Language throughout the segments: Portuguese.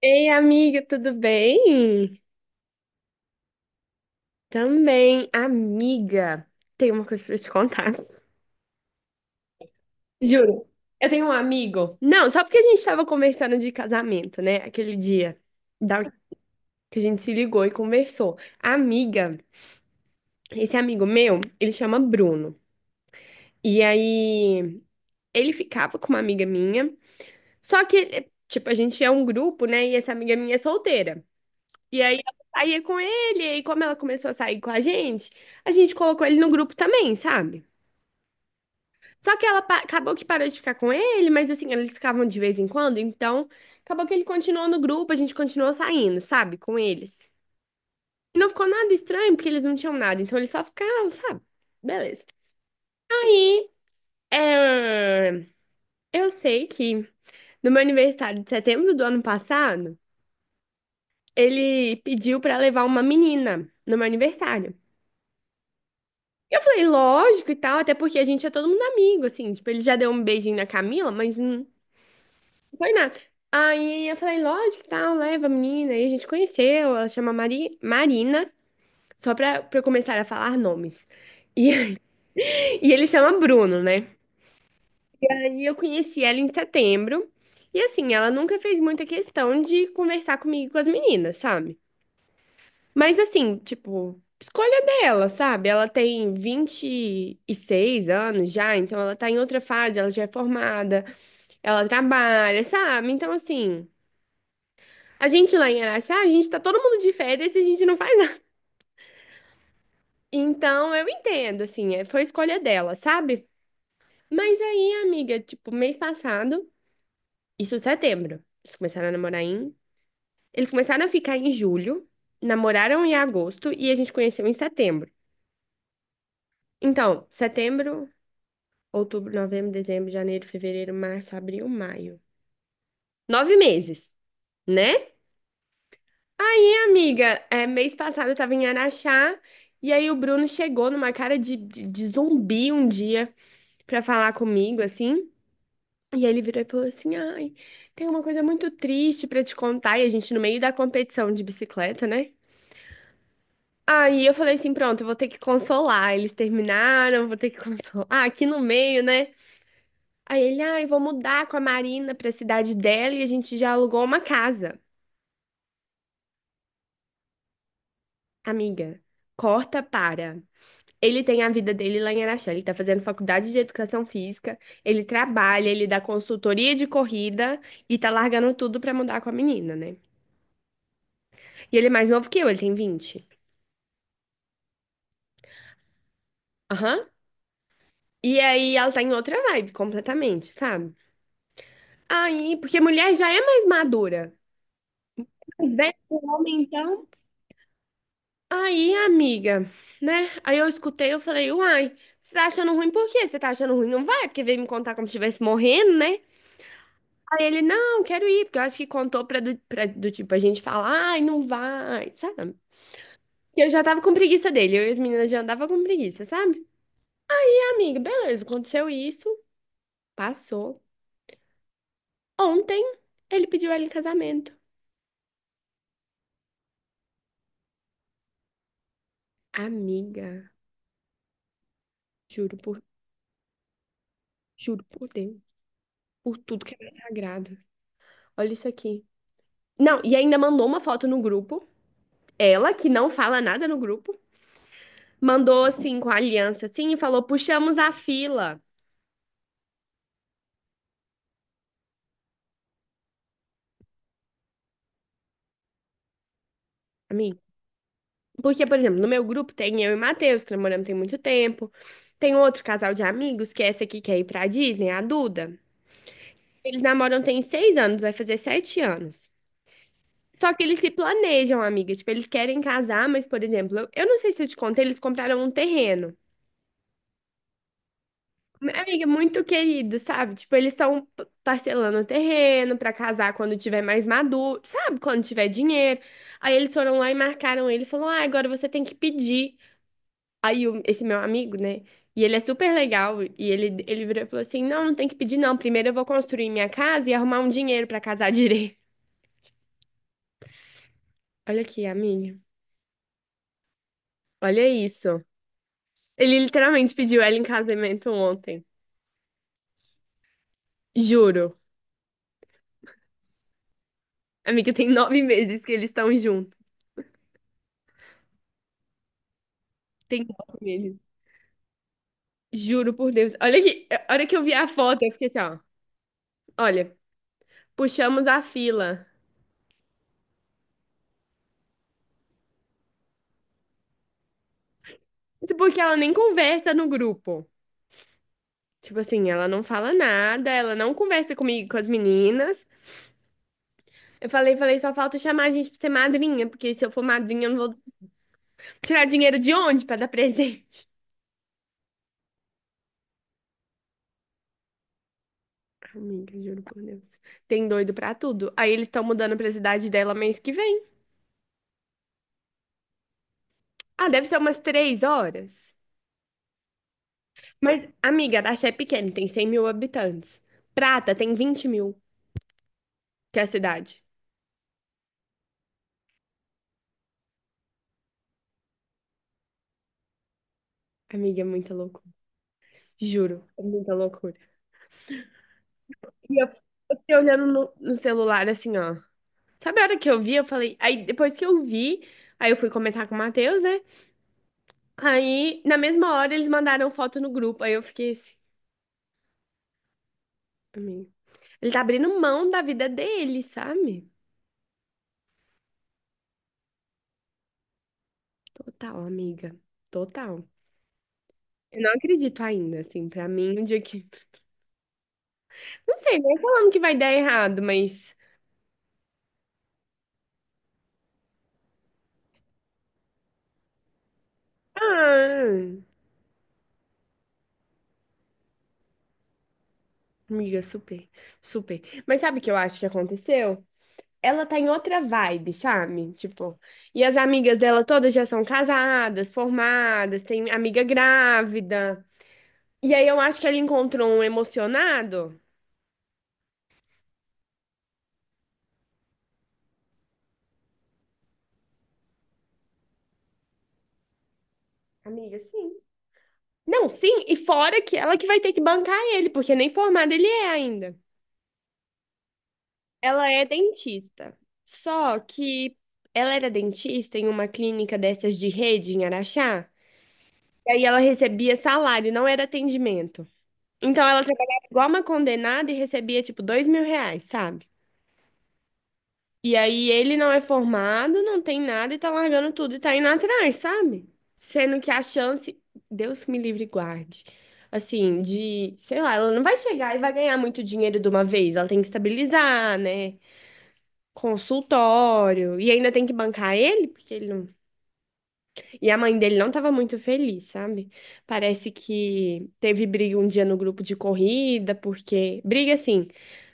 Ei, amiga, tudo bem? Também, amiga. Tem uma coisa pra te contar. Juro. Eu tenho um amigo. Não, só porque a gente tava conversando de casamento, né? Aquele dia da- que a gente se ligou e conversou. A Amiga, esse amigo meu, ele chama Bruno. E aí, ele ficava com uma amiga minha. Só que, tipo, a gente é um grupo, né? E essa amiga minha é solteira. E aí eu saía com ele, e aí como ela começou a sair com a gente colocou ele no grupo também, sabe? Só que ela acabou que parou de ficar com ele, mas assim, eles ficavam de vez em quando, então acabou que ele continuou no grupo, a gente continuou saindo, sabe, com eles. E não ficou nada estranho, porque eles não tinham nada, então eles só ficavam, sabe? Beleza. É, eu sei que no meu aniversário de setembro do ano passado, ele pediu pra levar uma menina no meu aniversário. Eu falei, lógico e tal, até porque a gente é todo mundo amigo, assim, tipo, ele já deu um beijinho na Camila, mas não foi nada. Aí eu falei, lógico e tal, leva a menina, aí a gente conheceu, ela chama Marina, só pra eu começar a falar nomes. E, e ele chama Bruno, né? Aí eu conheci ela em setembro, e assim, ela nunca fez muita questão de conversar comigo e com as meninas, sabe? Mas assim, tipo, escolha dela, sabe? Ela tem 26 anos já, então ela tá em outra fase, ela já é formada, ela trabalha, sabe? Então, assim, a gente lá em Araxá, a gente tá todo mundo de férias e a gente não faz nada. Então, eu entendo, assim, foi escolha dela, sabe? Mas aí, amiga, tipo, mês passado, isso é setembro, eles começaram a namorar em. Eles começaram a ficar em julho, namoraram em agosto e a gente conheceu em setembro. Então, setembro. Outubro, novembro, dezembro, janeiro, fevereiro, março, abril, maio. 9 meses, né? Minha amiga, é, mês passado eu tava em Araxá e aí o Bruno chegou numa cara de zumbi um dia pra falar comigo, assim. E ele virou e falou assim: Ai, tem uma coisa muito triste pra te contar. E a gente no meio da competição de bicicleta, né? Aí eu falei assim: Pronto, eu vou ter que consolar. Eles terminaram, vou ter que consolar. Aqui no meio, né? Aí ele, ai, vou mudar com a Marina pra cidade dela e a gente já alugou uma casa. Amiga, corta para. Ele tem a vida dele lá em Araxá. Ele tá fazendo faculdade de educação física, ele trabalha, ele dá consultoria de corrida e tá largando tudo pra mudar com a menina, né? E ele é mais novo que eu, ele tem 20. Aham. E aí ela tá em outra vibe completamente, sabe? Aí, porque mulher já é mais madura. Mais velha, o homem, então. Aí, amiga, né? Aí eu escutei, eu falei, uai, você tá achando ruim por quê? Você tá achando ruim? Não vai, porque veio me contar como se estivesse morrendo, né? Aí ele, não, quero ir, porque eu acho que contou pra do tipo, a gente falar, ai, não vai, sabe? E eu já tava com preguiça dele, eu e as meninas já andava com preguiça, sabe? E, amiga, beleza, aconteceu isso, passou. Ontem, ele pediu ela em casamento. Amiga, juro por, juro por Deus, por tudo que é mais sagrado. Olha isso aqui. Não, e ainda mandou uma foto no grupo. Ela, que não fala nada no grupo, mandou assim com a aliança assim e falou: puxamos a fila. A mim. Porque, por exemplo, no meu grupo tem eu e Matheus, que namoramos tem muito tempo. Tem outro casal de amigos, que é essa aqui que quer ir pra Disney, a Duda. Eles namoram tem 6 anos, vai fazer 7 anos. Só que eles se planejam, amiga. Tipo, eles querem casar, mas, por exemplo, eu não sei se eu te contei, eles compraram um terreno. Amiga, muito querido, sabe? Tipo, eles estão parcelando o terreno pra casar quando tiver mais maduro, sabe? Quando tiver dinheiro. Aí eles foram lá e marcaram ele e falou: Ah, agora você tem que pedir. Aí o- esse meu amigo, né? E ele é super legal. E ele virou e falou assim: Não, não tem que pedir, não. Primeiro eu vou construir minha casa e arrumar um dinheiro pra casar direito. Olha aqui, amiga. Olha isso. Ele literalmente pediu ela em casamento ontem. Juro. Amiga, tem 9 meses que eles estão juntos. Tem 9 meses. Juro por Deus. Olha que, a hora que eu vi a foto, eu fiquei assim, ó. Olha, puxamos a fila. Isso porque ela nem conversa no grupo. Tipo assim, ela não fala nada, ela não conversa comigo, com as meninas. Eu falei, falei, só falta chamar a gente pra ser madrinha, porque se eu for madrinha, eu não vou tirar dinheiro de onde pra dar presente? Amiga, juro por Deus. Tem doido pra tudo. Aí eles estão mudando pra cidade dela mês que vem. Ah, deve ser umas 3 horas. Mas, amiga, a Axé é pequena, tem 100 mil habitantes. Prata tem 20 mil. Que é a cidade. Amiga, é muita loucura. Juro, é muita loucura. E eu fiquei olhando no celular, assim, ó. Sabe a hora que eu vi, eu falei. Aí depois que eu vi, aí eu fui comentar com o Matheus, né? Aí, na mesma hora, eles mandaram foto no grupo. Aí eu fiquei assim, amiga. Ele tá abrindo mão da vida dele, sabe? Total, amiga. Total. Eu não acredito ainda, assim, pra mim, um dia que. Não sei, não é falando que vai dar errado, mas. Ah. Amiga, super, super. Mas sabe o que eu acho que aconteceu? Ela tá em outra vibe, sabe? Tipo, e as amigas dela todas já são casadas, formadas, tem amiga grávida. E aí eu acho que ela encontrou um emocionado. Amiga, sim. Não, sim, e fora que ela que vai ter que bancar ele, porque nem formada ele é ainda. Ela é dentista. Só que ela era dentista em uma clínica dessas de rede em Araxá. E aí ela recebia salário, não era atendimento. Então ela trabalhava igual uma condenada e recebia tipo 2 mil reais, sabe? E aí ele não é formado, não tem nada e tá largando tudo e tá indo atrás, sabe? Sendo que a chance, Deus me livre e guarde. Assim, de, sei lá, ela não vai chegar e vai ganhar muito dinheiro de uma vez. Ela tem que estabilizar, né? Consultório. E ainda tem que bancar ele, porque ele não. E a mãe dele não tava muito feliz, sabe? Parece que teve briga um dia no grupo de corrida, porque. Briga assim.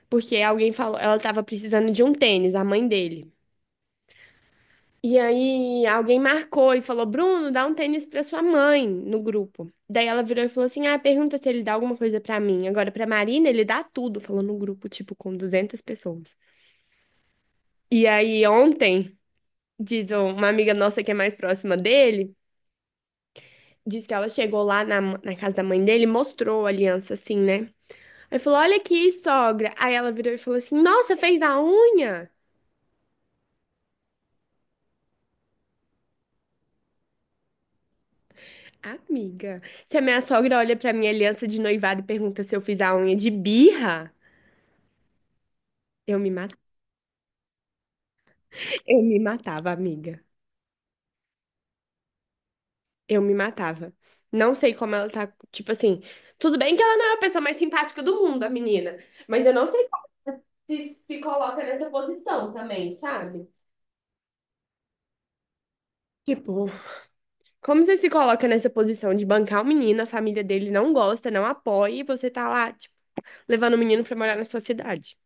Porque alguém falou, ela tava precisando de um tênis, a mãe dele. E aí alguém marcou e falou: Bruno, dá um tênis pra sua mãe no grupo. Daí ela virou e falou assim: Ah, pergunta se ele dá alguma coisa pra mim. Agora, pra Marina, ele dá tudo, falou no grupo, tipo, com 200 pessoas. E aí ontem, diz uma amiga nossa que é mais próxima dele, diz que ela chegou lá na casa da mãe dele, e mostrou a aliança assim, né? Aí falou: Olha aqui, sogra. Aí ela virou e falou assim: Nossa, fez a unha? Amiga, se a minha sogra olha pra minha aliança de noivado e pergunta se eu fiz a unha de birra, eu me matava. Eu me matava, amiga. Eu me matava. Não sei como ela tá, tipo assim, tudo bem que ela não é a pessoa mais simpática do mundo, a menina, mas eu não sei como se coloca nessa posição também, sabe? Tipo, como você se coloca nessa posição de bancar o menino, a família dele não gosta, não apoia, e você tá lá, tipo, levando o menino pra morar na sua cidade?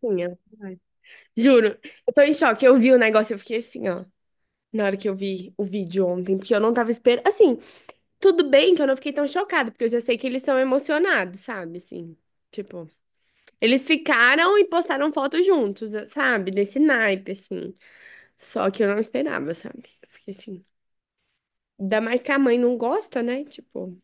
Sim, é verdade. Juro, eu tô em choque. Eu vi o negócio, eu fiquei assim, ó. Na hora que eu vi o vídeo ontem, porque eu não tava esperando. Assim, tudo bem que eu não fiquei tão chocada, porque eu já sei que eles são emocionados, sabe? Assim, tipo, eles ficaram e postaram foto juntos, sabe? Desse naipe, assim. Só que eu não esperava, sabe? Eu fiquei assim. Ainda mais que a mãe não gosta, né? Tipo,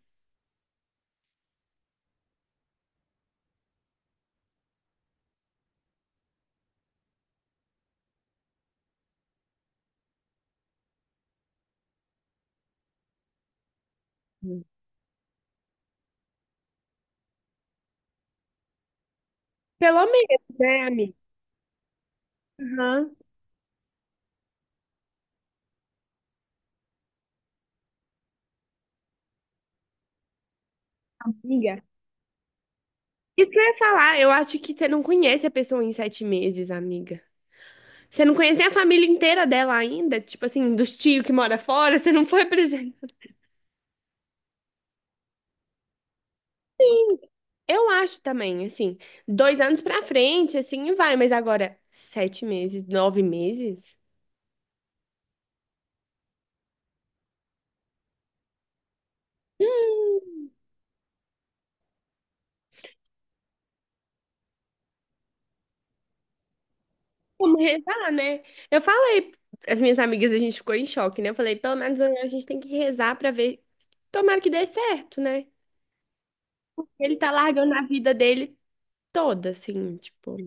pelo menos, né, amiga? Aham. Amiga, isso que eu ia falar, eu acho que você não conhece a pessoa em 7 meses, amiga. Você não conhece nem a família inteira dela ainda, tipo assim, dos tios que mora fora, você não foi apresentar. Eu acho também, assim, 2 anos pra frente, assim, vai, mas agora, 7 meses, 9 meses? Como rezar, né? Eu falei, as minhas amigas, a gente ficou em choque, né? Eu falei, pelo menos a gente tem que rezar pra ver, tomara que dê certo, né? Porque ele tá largando a vida dele toda, assim, tipo,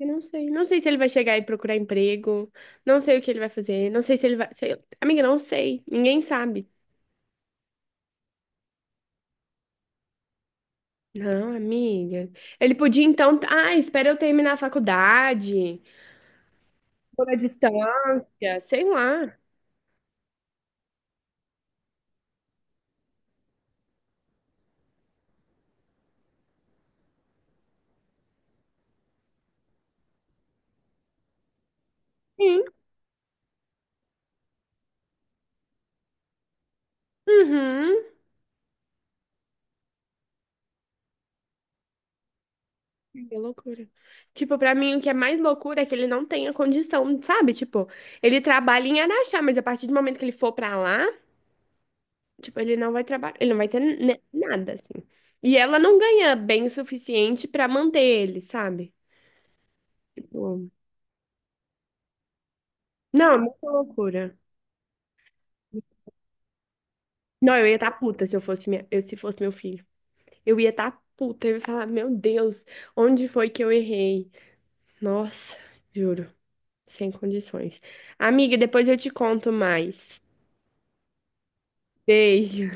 eu não sei. Não sei se ele vai chegar e procurar emprego, não sei o que ele vai fazer, não sei se ele vai. Amiga, não sei, ninguém sabe. Não, amiga. Ele podia então. Ah, espera eu terminar a faculdade. Por a distância, sei lá. Sim. Uhum. Que loucura. Tipo, pra mim, o que é mais loucura é que ele não tenha condição, sabe? Tipo, ele trabalha em Araxá, mas a partir do momento que ele for pra lá, tipo, ele não vai trabalhar, ele não vai ter nada, assim. E ela não ganha bem o suficiente pra manter ele, sabe? Tipo, não, é muita loucura. Não, eu ia estar puta se eu fosse minha... se fosse meu filho. Eu ia estar puta, eu ia falar, meu Deus, onde foi que eu errei? Nossa, juro, sem condições. Amiga, depois eu te conto mais. Beijo.